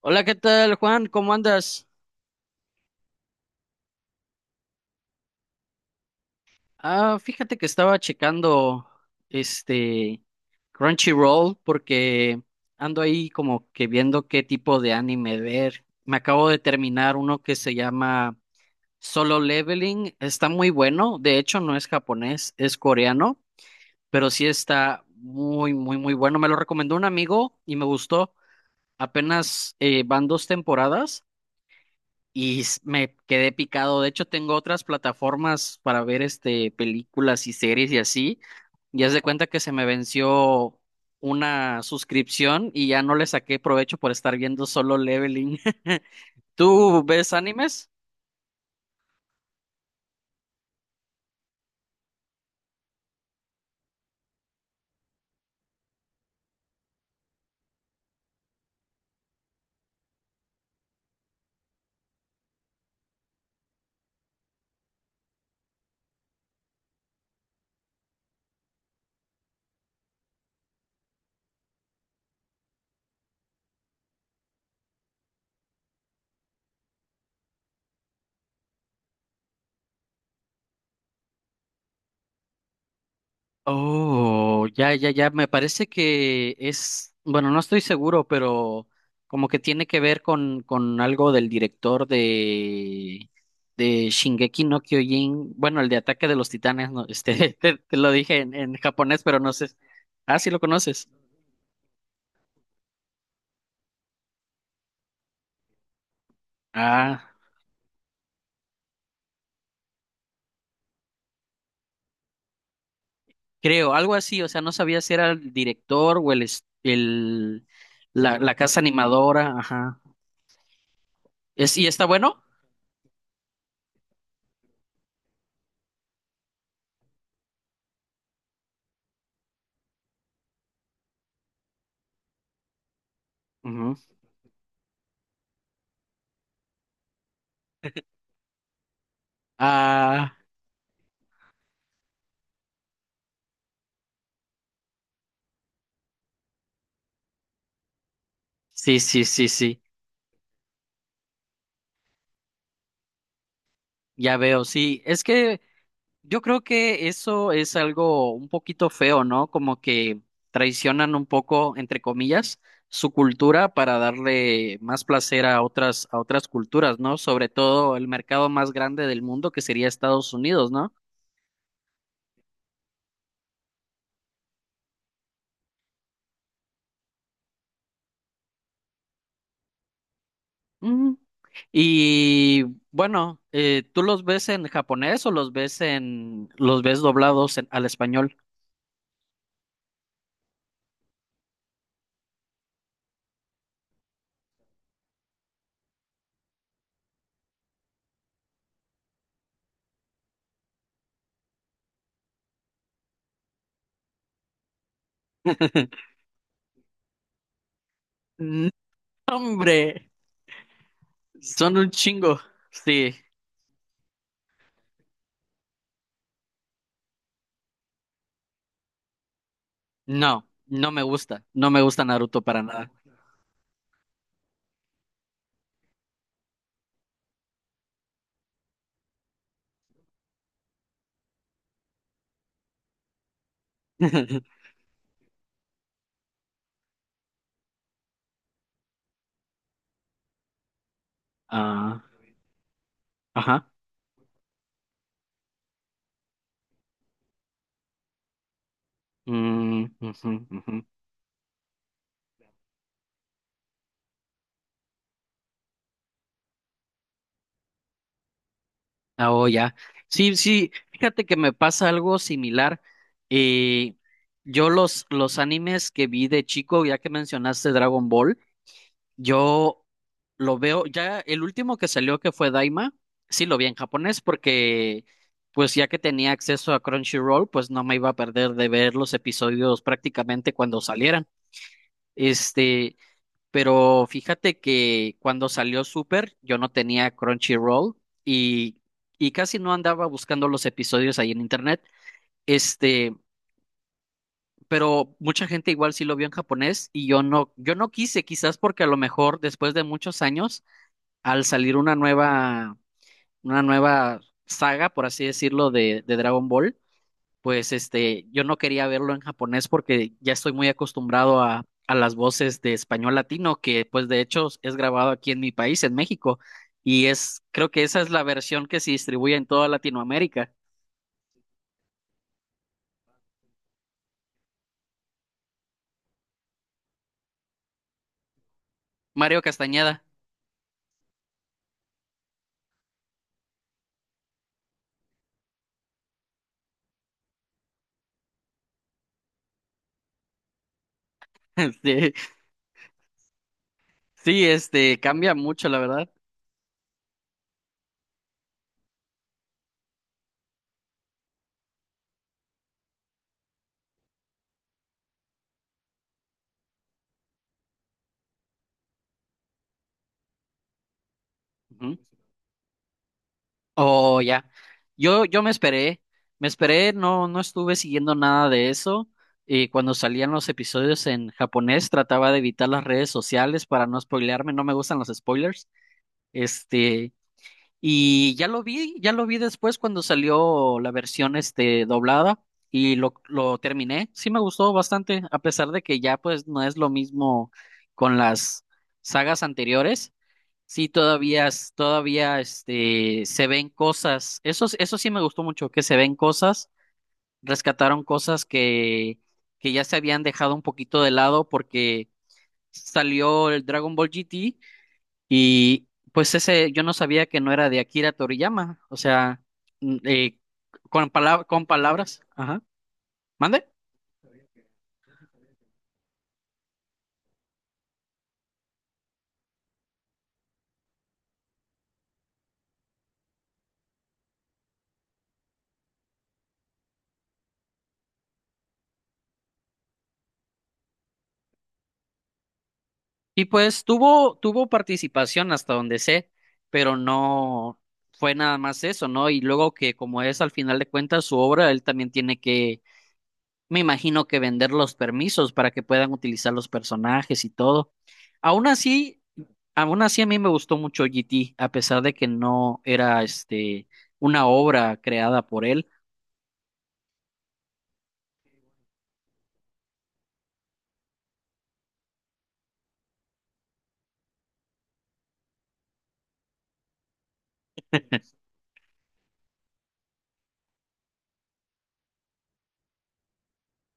Hola, ¿qué tal, Juan? ¿Cómo andas? Ah, fíjate que estaba checando este Crunchyroll porque ando ahí como que viendo qué tipo de anime ver. Me acabo de terminar uno que se llama Solo Leveling. Está muy bueno. De hecho, no es japonés, es coreano, pero sí está muy, muy, muy bueno. Me lo recomendó un amigo y me gustó. Apenas van dos temporadas. Me quedé picado. De hecho, tengo otras plataformas para ver películas y series y así. Y haz de cuenta que se me venció una suscripción y ya no le saqué provecho por estar viendo solo Leveling. ¿Tú ves animes? Oh, ya, ya, ya. Me parece que es, bueno, no estoy seguro, pero como que tiene que ver con algo del director de Shingeki no Kyojin. Bueno, el de Ataque de los Titanes, no, te lo dije en japonés, pero no sé. Ah, sí lo conoces. Ah, creo, algo así. O sea, no sabía si era el director o la, la casa animadora. Ajá. ¿Es, y está bueno? Ujú. Ah, sí, sí, sí, sí. Ya veo, sí. Es que yo creo que eso es algo un poquito feo, ¿no? Como que traicionan un poco, entre comillas, su cultura para darle más placer a otras culturas, ¿no? Sobre todo el mercado más grande del mundo, que sería Estados Unidos, ¿no? Mm. Y bueno, ¿tú los ves en japonés o los ves en, los ves doblados al español? No, hombre, son un chingo. Sí. No, no me gusta. No me gusta Naruto para nada. Ah, ajá. Ujú, ujú. Ah, oh, ya. Sí, sí, fíjate que me pasa algo similar. Eh, yo los animes que vi de chico, ya que mencionaste Dragon Ball, yo lo veo, ya el último que salió que fue Daima, sí lo vi en japonés porque pues ya que tenía acceso a Crunchyroll, pues no me iba a perder de ver los episodios prácticamente cuando salieran. Este, Pero fíjate que cuando salió Super, yo no tenía Crunchyroll y, y casi no andaba buscando los episodios ahí en internet. Este, pero mucha gente igual sí lo vio en japonés y yo no, yo no quise, quizás porque a lo mejor después de muchos años, al salir una nueva saga, por así decirlo, de Dragon Ball, pues yo no quería verlo en japonés porque ya estoy muy acostumbrado a las voces de español latino, que pues de hecho es grabado aquí en mi país, en México, y es, creo que esa es la versión que se distribuye en toda Latinoamérica. Mario Castañeda. Sí, sí, cambia mucho, la verdad. Ujú. Oh, ya. Yo me esperé, no, no estuve siguiendo nada de eso. Y cuando salían los episodios en japonés, trataba de evitar las redes sociales para no spoilearme. No me gustan los spoilers. Este, y ya lo vi después cuando salió la versión, doblada y lo terminé. Sí me gustó bastante, a pesar de que ya pues no es lo mismo con las sagas anteriores. Sí, todavía, todavía se ven cosas. Eso, eso sí me gustó mucho, que se ven cosas, rescataron cosas que ya se habían dejado un poquito de lado porque salió el Dragon Ball GT y pues ese yo no sabía que no era de Akira Toriyama. O sea, mm, eh, con con palabras. Ajá. ¿Mande? Y pues tuvo, tuvo participación hasta donde sé, pero no fue nada más eso, ¿no? Y luego que como es al final de cuentas su obra, él también tiene que, me imagino que vender los permisos para que puedan utilizar los personajes y todo. Aún así, aún así a mí me gustó mucho GT, a pesar de que no era una obra creada por él.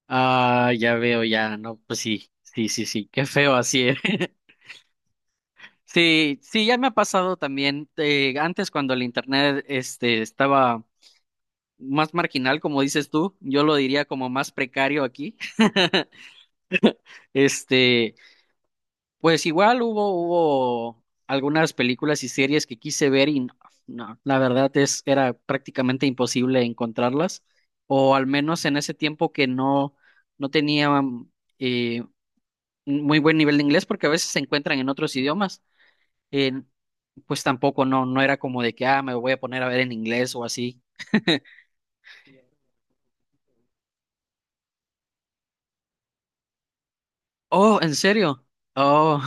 Ah, ya veo, ya, no, pues sí, sí, sí, sí, qué feo así. Sí, sí, ya me ha pasado también. Antes cuando el internet estaba más marginal, como dices tú, yo lo diría como más precario aquí. Este, pues igual hubo, hubo algunas películas y series que quise ver y no, no, la verdad es, era prácticamente imposible encontrarlas. O al menos en ese tiempo que no, no tenía eh, un muy buen nivel de inglés, porque a veces se encuentran en otros idiomas. Pues tampoco no, no era como de que, ah, me voy a poner a ver en inglés o así. Oh, ¿en serio? Oh,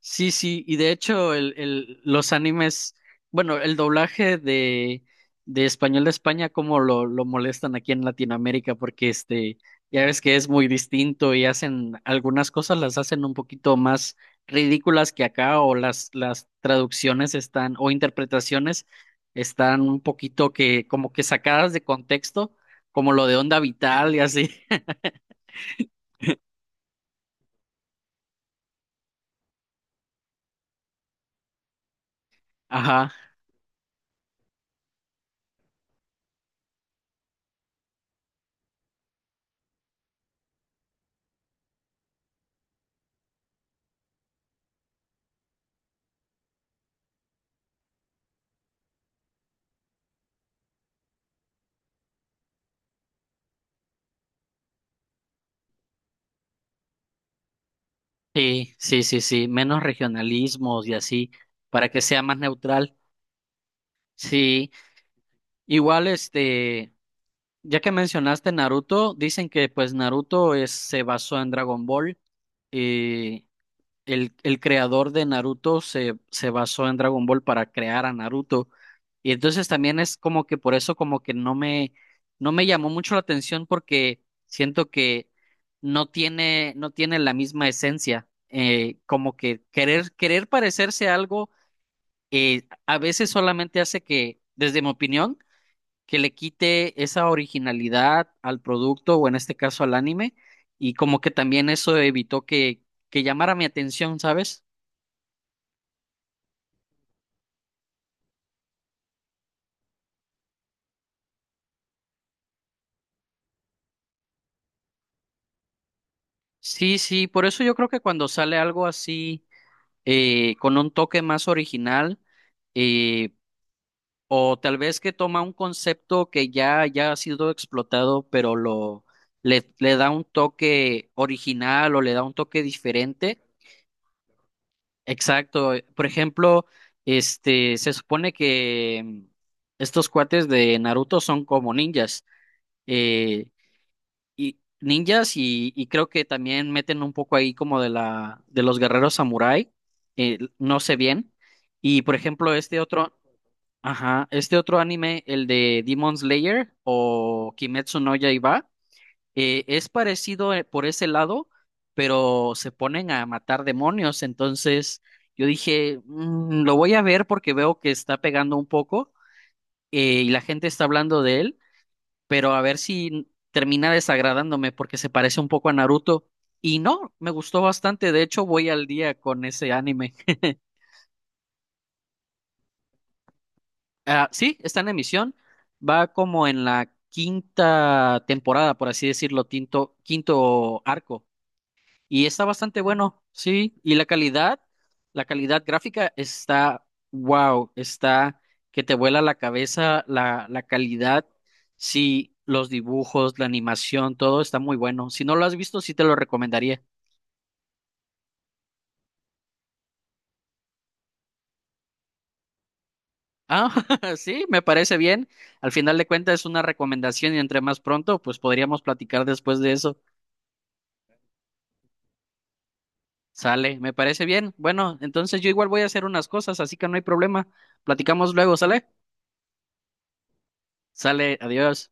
sí, sí, y de hecho los animes, bueno, el doblaje de español de España, cómo lo molestan aquí en Latinoamérica, porque ya ves que es muy distinto y hacen algunas cosas las hacen un poquito más ridículas que acá, o las traducciones están, o interpretaciones están un poquito que, como que sacadas de contexto, como lo de Onda Vital y así. Ajá. Sí, sí, sí, sí, menos regionalismos y así, para que sea más neutral. Sí, igual ya que mencionaste Naruto, dicen que pues Naruto es, se basó en Dragon Ball eh, el creador de Naruto se, se basó en Dragon Ball para crear a Naruto. Y entonces también es como que por eso como que no me, no me llamó mucho la atención porque siento que no tiene, no tiene la misma esencia. Como que querer, querer parecerse a algo a veces solamente hace que, desde mi opinión, que le quite esa originalidad al producto o en este caso al anime. Y como que también eso evitó que llamara mi atención, ¿sabes? Sí, sí, por eso yo creo que cuando sale algo así, con un toque más original, eh, o tal vez que toma un concepto que ya, ya ha sido explotado, pero lo, le da un toque original o le da un toque diferente. Exacto. Por ejemplo, se supone que estos cuates de Naruto son como ninjas. Eh, y ninjas y creo que también meten un poco ahí como de la de los guerreros samurái, no sé bien. Y por ejemplo, este otro, ajá, este otro anime, el de Demon Slayer o Kimetsu no Yaiba, es parecido por ese lado, pero se ponen a matar demonios, entonces yo dije, "Mm, lo voy a ver porque veo que está pegando un poco y la gente está hablando de él pero a ver si termina desagradándome porque se parece un poco a Naruto". Y no, me gustó bastante, de hecho voy al día con ese anime. Ah, sí, está en emisión, va como en la quinta temporada, por así decirlo, quinto arco. Y está bastante bueno, sí. Y la calidad gráfica está, wow, está que te vuela la cabeza, la calidad, sí, los dibujos, la animación, todo está muy bueno. Si no lo has visto, sí te lo recomendaría. Ah, sí, me parece bien. Al final de cuentas es una recomendación y entre más pronto, pues podríamos platicar después de eso. Sale, me parece bien. Bueno, entonces yo igual voy a hacer unas cosas, así que no hay problema. Platicamos luego, ¿sale? Sale, adiós.